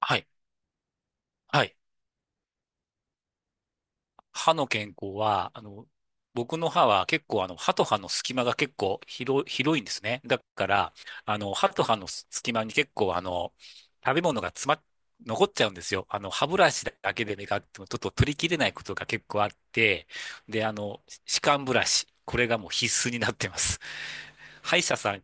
はい。はい。歯の健康は、僕の歯は結構、歯と歯の隙間が結構広いんですね。だから、歯と歯の隙間に結構、食べ物が詰まっ、残っちゃうんですよ。歯ブラシだけで磨いてもちょっと取りきれないことが結構あって、で、歯間ブラシ、これがもう必須になってます。歯医者さん、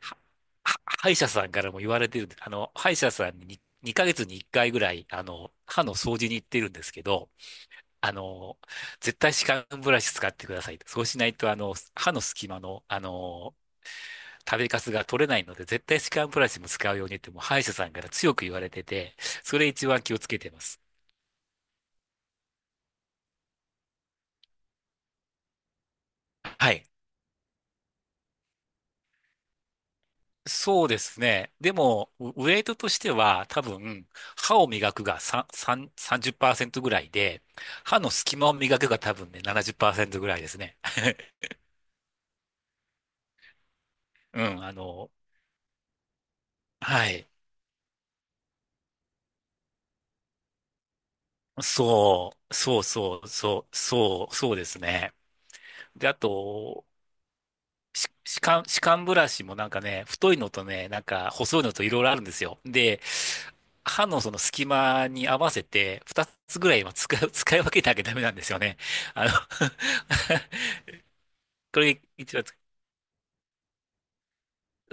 は歯医者さんからも言われてるんで、歯医者さんに2、二ヶ月に1回ぐらい、歯の掃除に行ってるんですけど、あの、絶対歯間ブラシ使ってくださいと。そうしないと、歯の隙間の、食べかすが取れないので、絶対歯間ブラシも使うようにって、もう歯医者さんから強く言われてて、それ一番気をつけてます。はい。そうですね。でも、ウウェイトとしては、多分、歯を磨くが3、さんじゅっパーセン0ぐらいで、歯の隙間を磨くが多分ね、70%ぐらいですね。うん、はい。そう、そうそう、そう、そう、そうですね。で、あと、し歯間、歯間ブラシもなんかね、太いのとね、なんか細いのといろいろあるんですよ。で、歯のその隙間に合わせて、二つぐらいは使い分けなきゃダメなんですよね。あの これ一番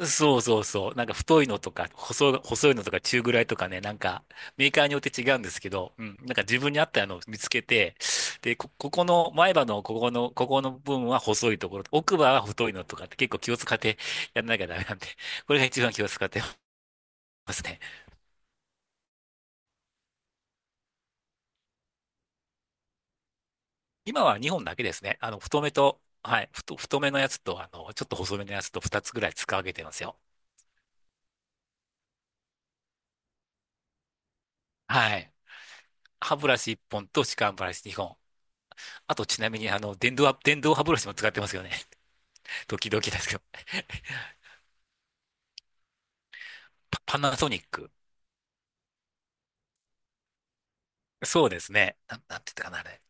そうそうそう。なんか太いのとか、細いのとか中ぐらいとかね、なんかメーカーによって違うんですけど、うん。なんか自分に合ったのを見つけて、で、ここの、前歯のここの部分は細いところ、奥歯は太いのとかって結構気を使ってやんなきゃダメなんで、これが一番気を使ってますね。今は2本だけですね。太めと、はい、太めのやつと、ちょっと細めのやつと2つぐらい使い分けてますよ。はい。歯ブラシ1本と歯間ブラシ2本。あとちなみに電動歯ブラシも使ってますよね。ドキドキですけど、パナソニック。そうですね。なんて言ったかな、あれ。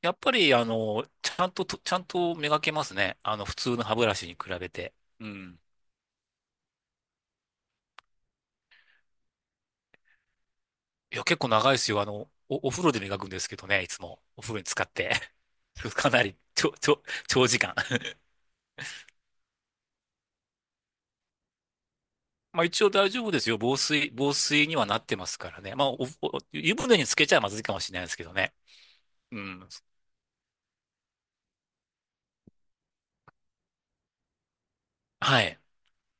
やっぱり、ちゃんと磨けますね。普通の歯ブラシに比べて。うん。いや、結構長いですよ。お風呂で磨くんですけどね、いつも。お風呂に使って。かなり、ちょ、ちょ、長時間。まあ一応大丈夫ですよ。防水にはなってますからね。まあ、お湯船につけちゃまずいかもしれないですけどね。うん。はい。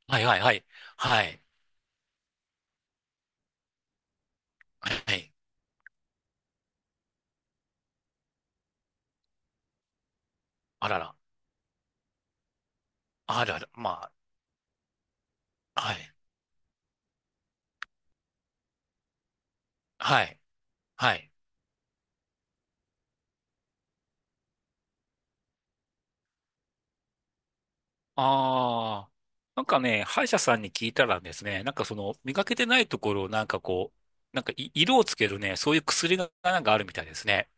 はいはいはい。はい。はい。あらら。あらら。まあ、はい。はい。はい。ああ。なんかね、歯医者さんに聞いたらですね、なんかその、磨けてないところをなんかこう、なんかい色をつけるね、そういう薬がなんかあるみたいですね。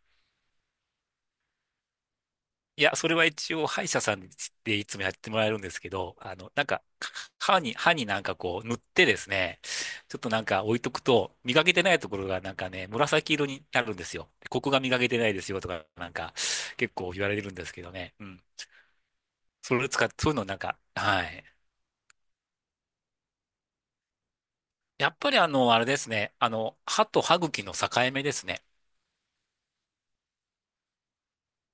いや、それは一応歯医者さんでいつもやってもらえるんですけど、なんか、歯になんかこう塗ってですね、ちょっとなんか置いとくと、磨けてないところがなんかね、紫色になるんですよ。ここが磨けてないですよとか、なんか、結構言われるんですけどね。うん。それを使って、そういうのなんか、はい。やっぱりあれですね。歯と歯茎の境目ですね。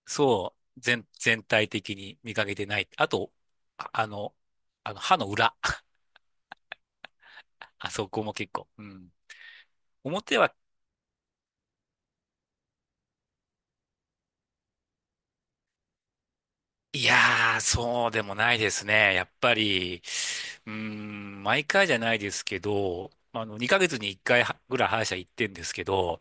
そう、全体的に見かけてない。あと、あ、あの、あの歯の裏。あそこも結構。うん。表は、いやー、そうでもないですね。やっぱり、うーん、毎回じゃないですけど、2ヶ月に1回はぐらい歯医者行ってんですけど、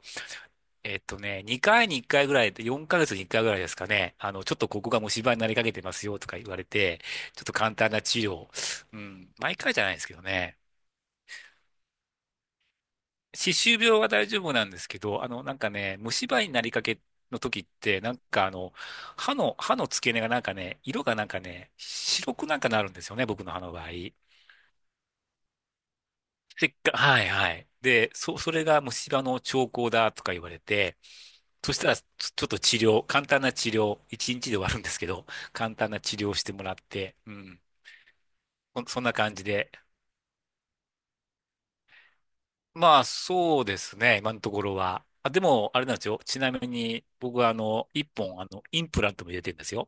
2回に1回ぐらいで、4ヶ月に1回ぐらいですかね、ちょっとここが虫歯になりかけてますよとか言われて、ちょっと簡単な治療。うん、毎回じゃないですけどね。歯周病は大丈夫なんですけど、なんかね、虫歯になりかけの時って、なんか歯の付け根がなんかね、色がなんかね、白くなんかなるんですよね、僕の歯の場合。せっか、はいはい。で、それが虫歯の兆候だとか言われて、そしたら、ちょっと簡単な治療、一日で終わるんですけど、簡単な治療をしてもらって、うん。そんな感じで。まあ、そうですね、今のところは。あ、でも、あれなんですよ。ちなみに、僕は、一本、インプラントも入れてるんですよ。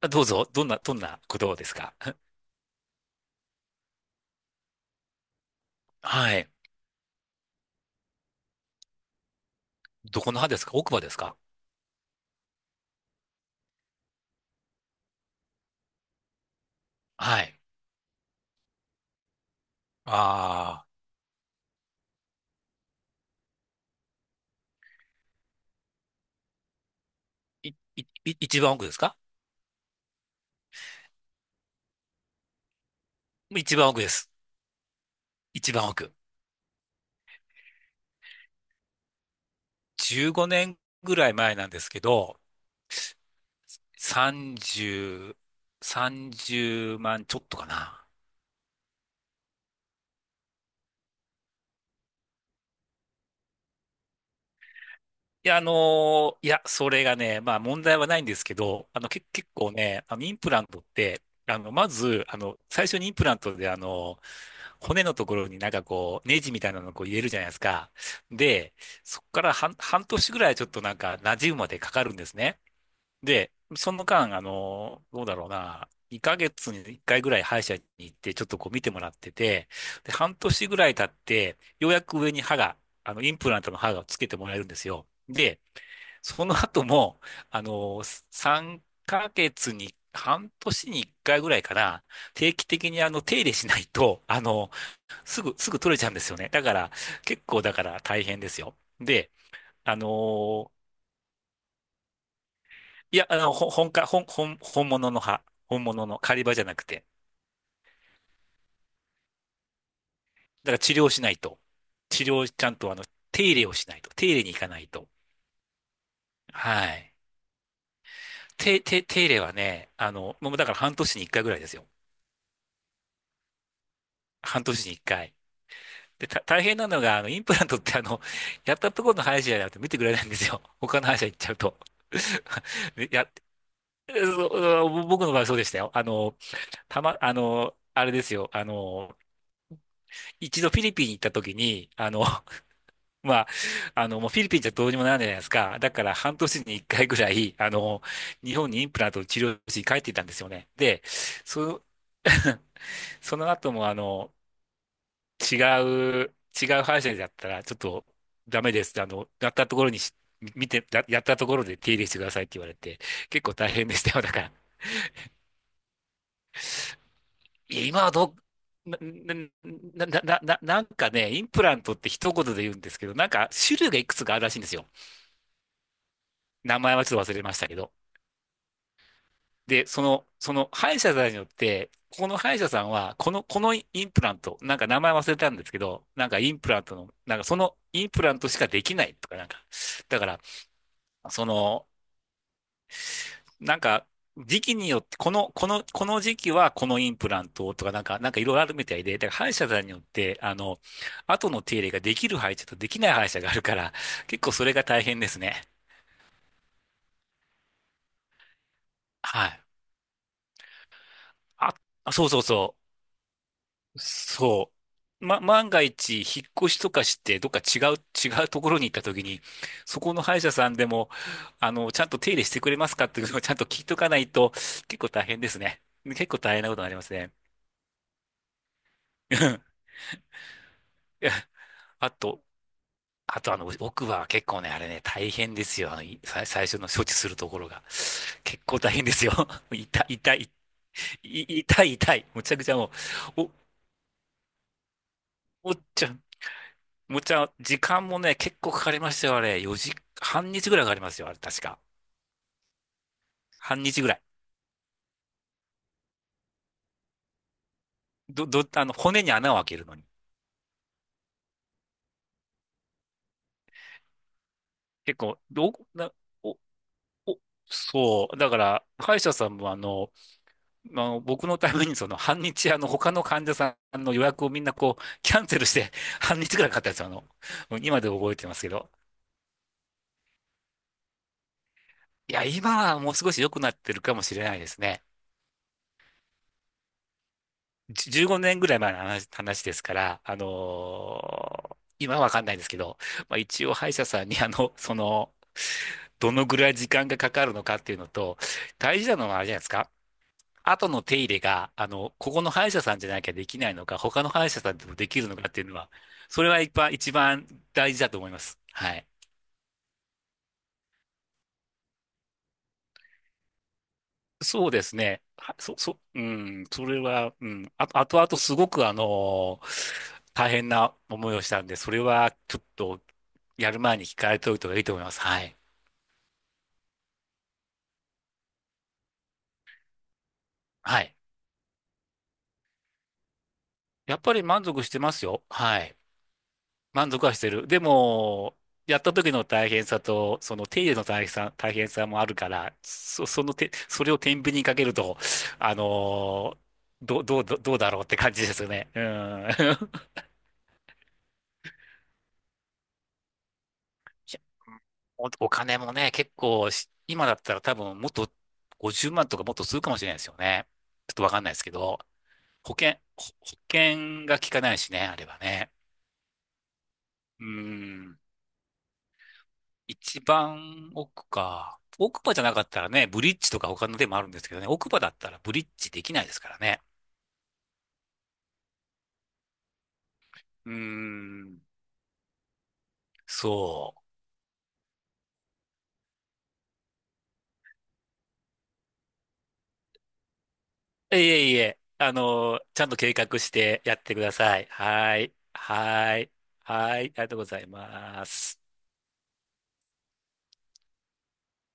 あ、どうぞ、どんなことですか？ はい。どこの歯ですか？奥歯ですか？はい。ああ、い、い、い一番奥ですか？一番奥です。一番奥。15年ぐらい前なんですけど、30、30万ちょっとかな。いや、いや、それがね、まあ問題はないんですけど、結構ね、インプラントって、まず、最初にインプラントで、骨のところになんかこう、ネジみたいなのをこう入れるじゃないですか。で、そこから半年ぐらいちょっとなんか、馴染むまでかかるんですね。で、その間、どうだろうな、2ヶ月に1回ぐらい歯医者に行って、ちょっとこう見てもらってて、で、半年ぐらい経って、ようやく上に歯が、インプラントの歯がつけてもらえるんですよ。で、その後も、あの、3ヶ月に、半年に1回ぐらいかな、定期的に手入れしないと、すぐ取れちゃうんですよね。だから、結構だから大変ですよ。で、あのいや、ほ本か、本、本、本物の歯。本物の狩り場じゃなくて。だから治療しないと。治療ちゃんと手入れをしないと。手入れに行かないと。はい。手入れはね、もうだから半年に一回ぐらいですよ。半年に一回。で、大変なのが、インプラントってやったところの歯医者じゃなくて見てくれないんですよ。他の歯医者行っちゃうと。でや、そう僕の場合そうでしたよ。あれですよ。一度フィリピンに行った時に、まあ、もうフィリピンじゃどうにもならないじゃないですか。だから半年に一回ぐらい、日本にインプラントの治療室に帰っていたんですよね。で、そ、その後も違う、違う歯医者だったら、ちょっとダメですって、やったところに見て、やったところで手入れしてくださいって言われて、結構大変でしたよ。だから、いや、今はどう、な、な、な、な、ななんかね、インプラントって一言で言うんですけど、なんか種類がいくつかあるらしいんですよ。名前はちょっと忘れましたけど。で、その歯医者さんによって、ここの歯医者さんは、このインプラント、なんか名前忘れたんですけど、なんかインプラントの、なんかそのインプラントしかできないとか、なんか、だから、その、なんか、時期によって、この時期はこのインプラントとか、なんかいろいろあるみたいで、だから歯医者さんによって、後の手入れができる歯医者とできない歯医者があるから、結構それが大変ですね。はい。あ、あそうそうそう。そう。万が一、引っ越しとかして、どっか違うところに行った時に、そこの歯医者さんでも、ちゃんと手入れしてくれますかっていうのをちゃんと聞いとかないと、結構大変ですね。結構大変なことになりますね。うん、いや、あと、あと奥歯は結構ね、あれね、大変ですよ。最初の処置するところが。結構大変ですよ。痛い、痛い、痛い、痛い。むちゃくちゃもう、おっちゃんむっちゃ、時間もね、結構かかりましたよ、あれ。4時、半日ぐらいかかりますよ、あれ、確か。半日ぐらい。骨に穴を開けるのに。結構、ど、な、お、お、そう。だから、歯医者さんもまあ、僕のために半日、他の患者さんの予約をみんなこう、キャンセルして、半日ぐらいかかったやつ、今で覚えてますけど。いや、今はもう少し良くなってるかもしれないですね。15年ぐらい前の話ですから、今はわかんないんですけど、まあ、一応歯医者さんにどのぐらい時間がかかるのかっていうのと、大事なのはあれじゃないですか。後の手入れが、ここの歯医者さんじゃなきゃできないのか、他の歯医者さんでもできるのかっていうのは、それは一番、一番大事だと思います。はい。そうですね。はそ、そ、うん、それは、うん、あ、あとあとすごく大変な思いをしたんで、それはちょっとやる前に聞かれておいた方がいいと思います。はい。はい。やっぱり満足してますよ。はい。満足はしてる。でも、やった時の大変さと、その手入れの大変さもあるから、そ、その手、それを天秤にかけると、あのーどうだろうって感じですよね。うん。いや、お金もね、結構し、今だったら多分もっと50万とかもっとするかもしれないですよね。ちょっとわかんないですけど、保険が効かないしね、あればね。うーん、一番奥か。奥歯じゃなかったらね、ブリッジとか他のでもあるんですけどね、奥歯だったらブリッジできないですからね。うーん、そう。いえいえ、ちゃんと計画してやってください。はい。はい。はい。ありがとうございます。